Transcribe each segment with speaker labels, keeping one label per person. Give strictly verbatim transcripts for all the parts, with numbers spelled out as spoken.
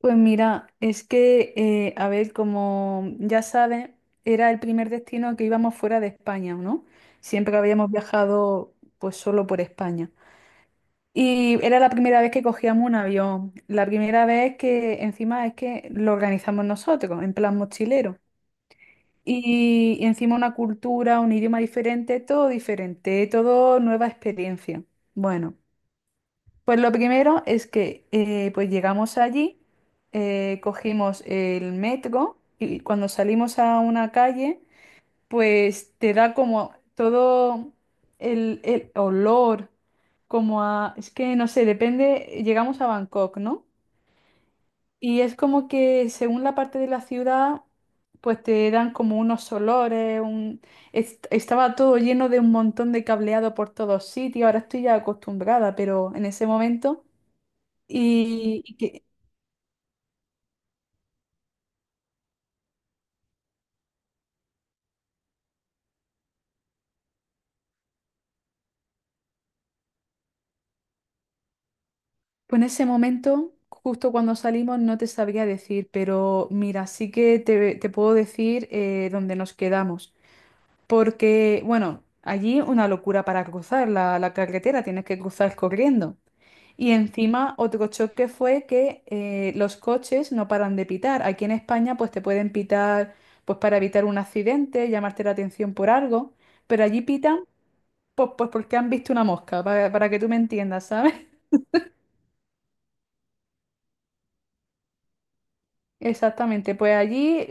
Speaker 1: Pues mira, es que, eh, a ver, como ya sabes, era el primer destino que íbamos fuera de España, ¿no? Siempre habíamos viajado pues solo por España. Y era la primera vez que cogíamos un avión, la primera vez que encima es que lo organizamos nosotros, en plan mochilero. Y, y encima una cultura, un idioma diferente, todo diferente, todo nueva experiencia. Bueno. Pues lo primero es que eh, pues llegamos allí, eh, cogimos el metro y cuando salimos a una calle, pues te da como todo el, el olor, como a, es que no sé, depende, llegamos a Bangkok, ¿no? Y es como que según la parte de la ciudad, pues te dan como unos olores, un... est- estaba todo lleno de un montón de cableado por todos sitios, ahora estoy ya acostumbrada, pero en ese momento. Y, y que pues en ese momento, justo cuando salimos, no te sabría decir, pero mira, sí que te, te puedo decir eh, dónde nos quedamos. Porque, bueno, allí una locura para cruzar la, la carretera, tienes que cruzar corriendo. Y encima otro choque fue que eh, los coches no paran de pitar. Aquí en España pues te pueden pitar pues para evitar un accidente, llamarte la atención por algo, pero allí pitan pues, pues porque han visto una mosca, para, para que tú me entiendas, ¿sabes? Exactamente, pues allí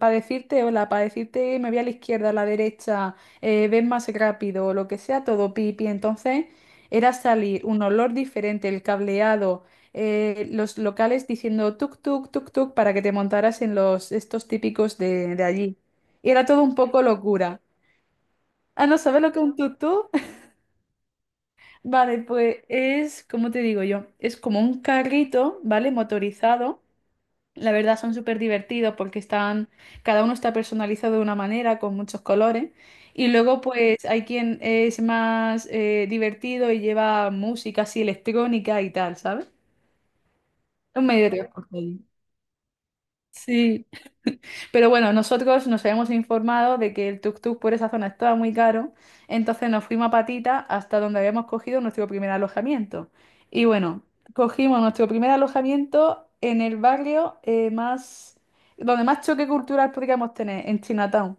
Speaker 1: para decirte, hola, para decirte me voy a la izquierda, a la derecha, eh, ven más rápido, lo que sea, todo pipi. Entonces era salir un olor diferente, el cableado, eh, los locales diciendo tuk tuk tuk tuk para que te montaras en los estos típicos de, de allí. Y era todo un poco locura. Ah, ¿no sabes lo que es un tuk tuk? Vale, pues es, ¿cómo te digo yo? Es como un carrito, ¿vale? Motorizado. La verdad, son súper divertidos porque están, cada uno está personalizado de una manera, con muchos colores. Y luego pues hay quien es más eh, divertido y lleva música así electrónica y tal, ¿sabes? Un medio de transporte allí. Sí. Pero bueno, nosotros nos habíamos informado de que el tuk-tuk por esa zona estaba muy caro, entonces nos fuimos a patita hasta donde habíamos cogido nuestro primer alojamiento. Y bueno, cogimos nuestro primer alojamiento en el barrio eh, más, donde más choque cultural podríamos tener, en Chinatown.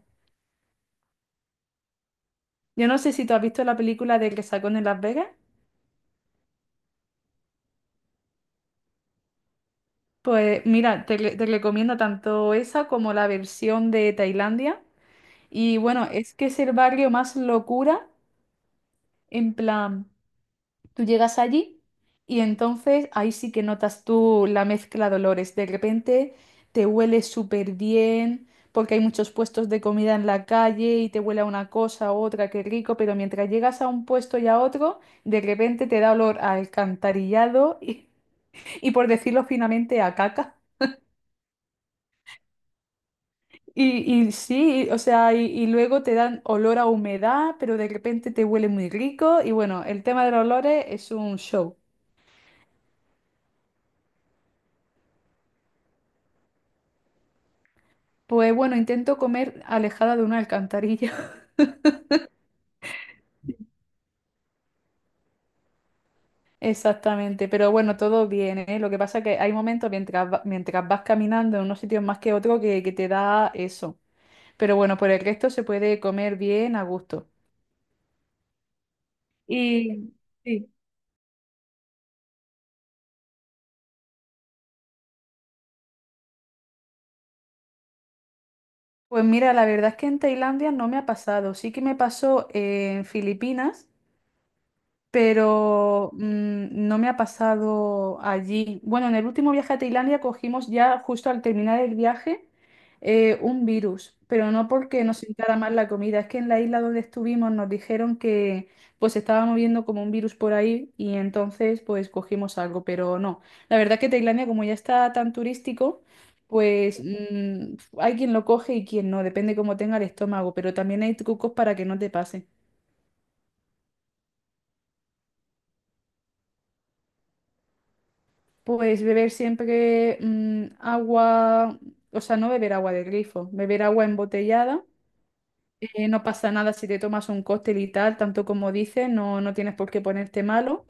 Speaker 1: Yo no sé si tú has visto la película de Resacón en Las Vegas. Pues mira, te, re- te recomiendo tanto esa como la versión de Tailandia. Y bueno, es que es el barrio más locura, en plan. Tú llegas allí y entonces ahí sí que notas tú la mezcla de olores. De repente te huele súper bien porque hay muchos puestos de comida en la calle y te huele a una cosa a otra, qué rico, pero mientras llegas a un puesto y a otro, de repente te da olor a alcantarillado y, y por decirlo finamente, a caca. Y, y sí, y- o sea, y, y luego te dan olor a humedad, pero de repente te huele muy rico y bueno, el tema de los olores es un show. Pues bueno, intento comer alejada de una alcantarilla. Exactamente, pero bueno, todo bien, ¿eh? Lo que pasa es que hay momentos mientras, va- mientras vas caminando en unos sitios más que otro que, que te da eso. Pero bueno, por el resto se puede comer bien a gusto. Y sí. Pues mira, la verdad es que en Tailandia no me ha pasado. Sí que me pasó en Filipinas. Pero mm, no me ha pasado allí. Bueno, en el último viaje a Tailandia cogimos ya justo al terminar el viaje eh, un virus, pero no porque nos sentara mal la comida, es que en la isla donde estuvimos nos dijeron que pues se estaba moviendo como un virus por ahí y entonces pues cogimos algo, pero no. La verdad que Tailandia como ya está tan turístico, pues mm, hay quien lo coge y quien no, depende cómo tenga el estómago, pero también hay trucos para que no te pase. Pues beber siempre mm, agua, o sea, no beber agua de grifo, beber agua embotellada. Eh, no pasa nada si te tomas un cóctel y tal, tanto como dices, no, no tienes por qué ponerte malo.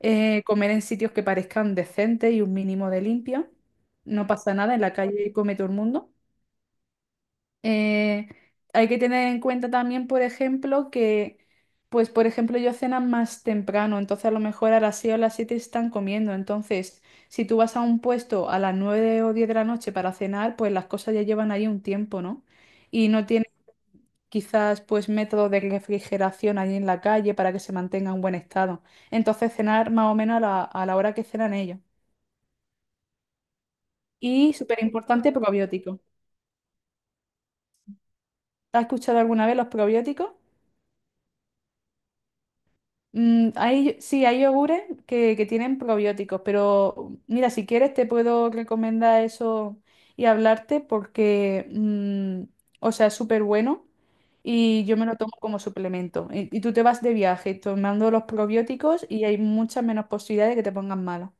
Speaker 1: Eh, comer en sitios que parezcan decentes y un mínimo de limpia. No pasa nada, en la calle come todo el mundo. Eh, Hay que tener en cuenta también, por ejemplo, que, pues, por ejemplo, yo cenan más temprano, entonces a lo mejor a las seis o las siete están comiendo. Entonces, si tú vas a un puesto a las nueve o diez de la noche para cenar, pues las cosas ya llevan ahí un tiempo, ¿no? Y no tienen quizás, pues, método de refrigeración ahí en la calle para que se mantenga en buen estado. Entonces, cenar más o menos a la, a la hora que cenan ellos. Y súper importante, probiótico. ¿Has escuchado alguna vez los probióticos? Mm, hay, sí, hay yogures que, que tienen probióticos, pero mira, si quieres te puedo recomendar eso y hablarte porque, mm, o sea, es súper bueno y yo me lo tomo como suplemento. Y, y tú te vas de viaje tomando los probióticos y hay muchas menos posibilidades de que te pongas mala.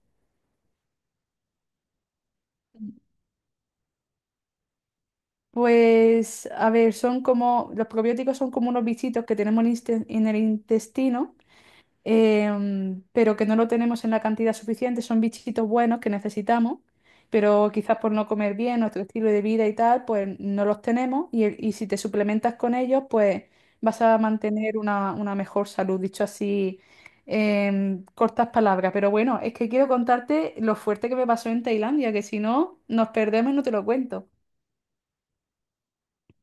Speaker 1: Pues, a ver, son como, los probióticos son como unos bichitos que tenemos en inste- en el intestino. Em, pero que no lo tenemos en la cantidad suficiente. Son bichitos buenos que necesitamos, pero quizás por no comer bien, nuestro estilo de vida y tal, pues no los tenemos. Y, el- y si te suplementas con ellos, pues vas a mantener una, una mejor salud, dicho así. En cortas palabras, pero bueno, es que quiero contarte lo fuerte que me pasó en Tailandia, que si no, nos perdemos y no te lo cuento.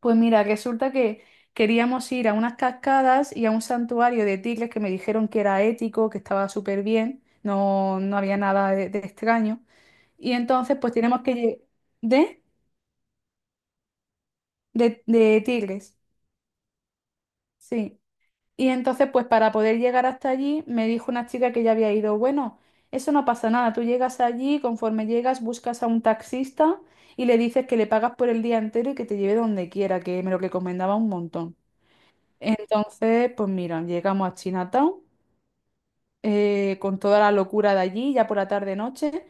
Speaker 1: Pues mira, resulta que queríamos ir a unas cascadas y a un santuario de tigres que me dijeron que era ético, que estaba súper bien, no, no había nada de, de extraño. Y entonces pues tenemos que lle- ¿De? De, de tigres, sí. Y entonces pues para poder llegar hasta allí me dijo una chica que ya había ido, bueno, eso no pasa nada, tú llegas allí, conforme llegas buscas a un taxista y le dices que le pagas por el día entero y que te lleve donde quiera, que me lo recomendaba un montón. Entonces, pues mira, llegamos a Chinatown eh, con toda la locura de allí, ya por la tarde-noche,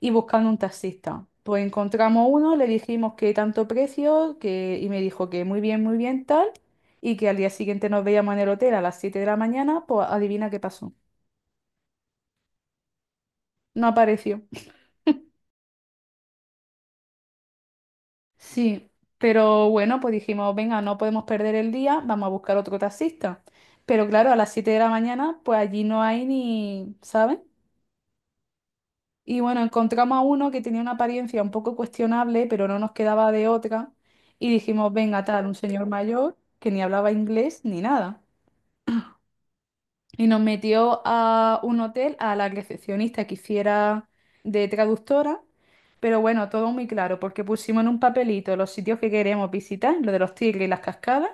Speaker 1: y buscando un taxista. Pues encontramos uno, le dijimos que tanto precio, que, y me dijo que muy bien, muy bien, tal, y que al día siguiente nos veíamos en el hotel a las siete de la mañana, pues adivina qué pasó. No apareció. Sí, pero bueno, pues dijimos, venga, no podemos perder el día, vamos a buscar otro taxista. Pero claro, a las siete de la mañana, pues allí no hay ni, ¿sabes? Y bueno, encontramos a uno que tenía una apariencia un poco cuestionable, pero no nos quedaba de otra. Y dijimos, venga, tal, un señor mayor que ni hablaba inglés ni nada. Y nos metió a un hotel a la recepcionista que hiciera de traductora. Pero bueno, todo muy claro, porque pusimos en un papelito los sitios que queremos visitar, lo de los tigres y las cascadas,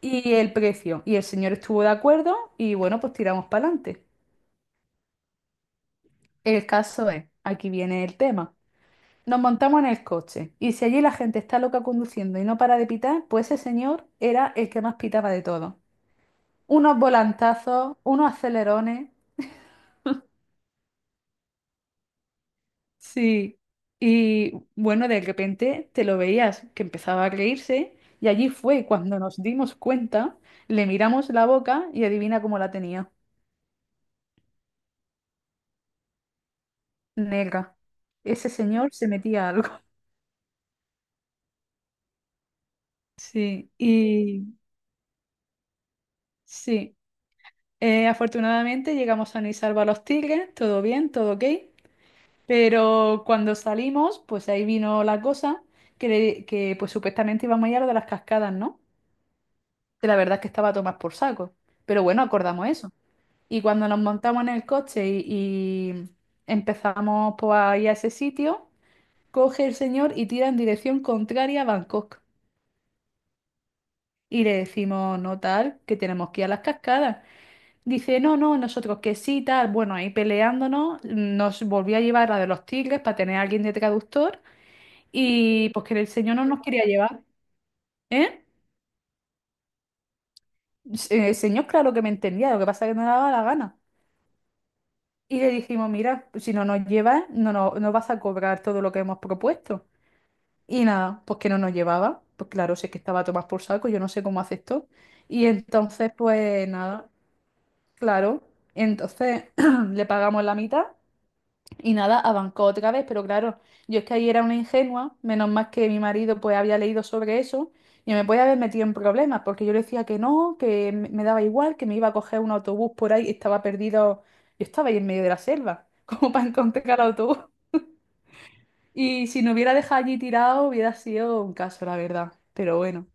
Speaker 1: y el precio. Y el señor estuvo de acuerdo y bueno, pues tiramos para adelante. El caso es, aquí viene el tema. Nos montamos en el coche y si allí la gente está loca conduciendo y no para de pitar, pues ese señor era el que más pitaba de todo. Unos volantazos, unos acelerones. Sí. Y bueno, de repente te lo veías que empezaba a reírse y allí fue cuando nos dimos cuenta, le miramos la boca y adivina cómo la tenía. Negra. Ese señor se metía algo. Sí. Y sí. Eh, afortunadamente llegamos a y salvo a los tigres, todo bien, todo ok. Pero cuando salimos, pues ahí vino la cosa que, le- que pues supuestamente íbamos a ir a lo de las cascadas, ¿no? Que la verdad es que estaba a tomar por saco. Pero bueno, acordamos eso. Y cuando nos montamos en el coche y, y empezamos pues, a ir a ese sitio, coge el señor y tira en dirección contraria a Bangkok. Y le decimos, no tal, que tenemos que ir a las cascadas. Dice, no, no, nosotros que sí, tal. Bueno, ahí peleándonos, nos volvió a llevar la de los tigres para tener a alguien de traductor. Y pues que el señor no nos quería llevar, ¿eh? Se- El señor, claro que me entendía, lo que pasa es que no le daba la gana. Y le dijimos, mira, si no nos llevas, no, no, no vas a cobrar todo lo que hemos propuesto. Y nada, pues que no nos llevaba, pues claro, sé que estaba a tomar por saco, yo no sé cómo aceptó. Y entonces, pues nada, claro, entonces le pagamos la mitad. Y nada, abancó otra vez, pero claro, yo es que ahí era una ingenua, menos mal que mi marido pues había leído sobre eso y me podía haber metido en problemas, porque yo le decía que no, que me me daba igual, que me iba a coger un autobús por ahí, estaba perdido, yo estaba ahí en medio de la selva, como para encontrar el autobús. Y si no hubiera dejado allí tirado, hubiera sido un caso, la verdad. Pero bueno,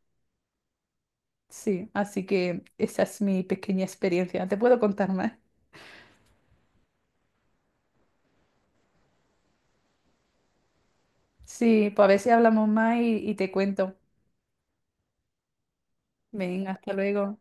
Speaker 1: sí, así que esa es mi pequeña experiencia. ¿Te puedo contar más? Sí, pues a ver si hablamos más y, y te cuento. Venga, hasta luego.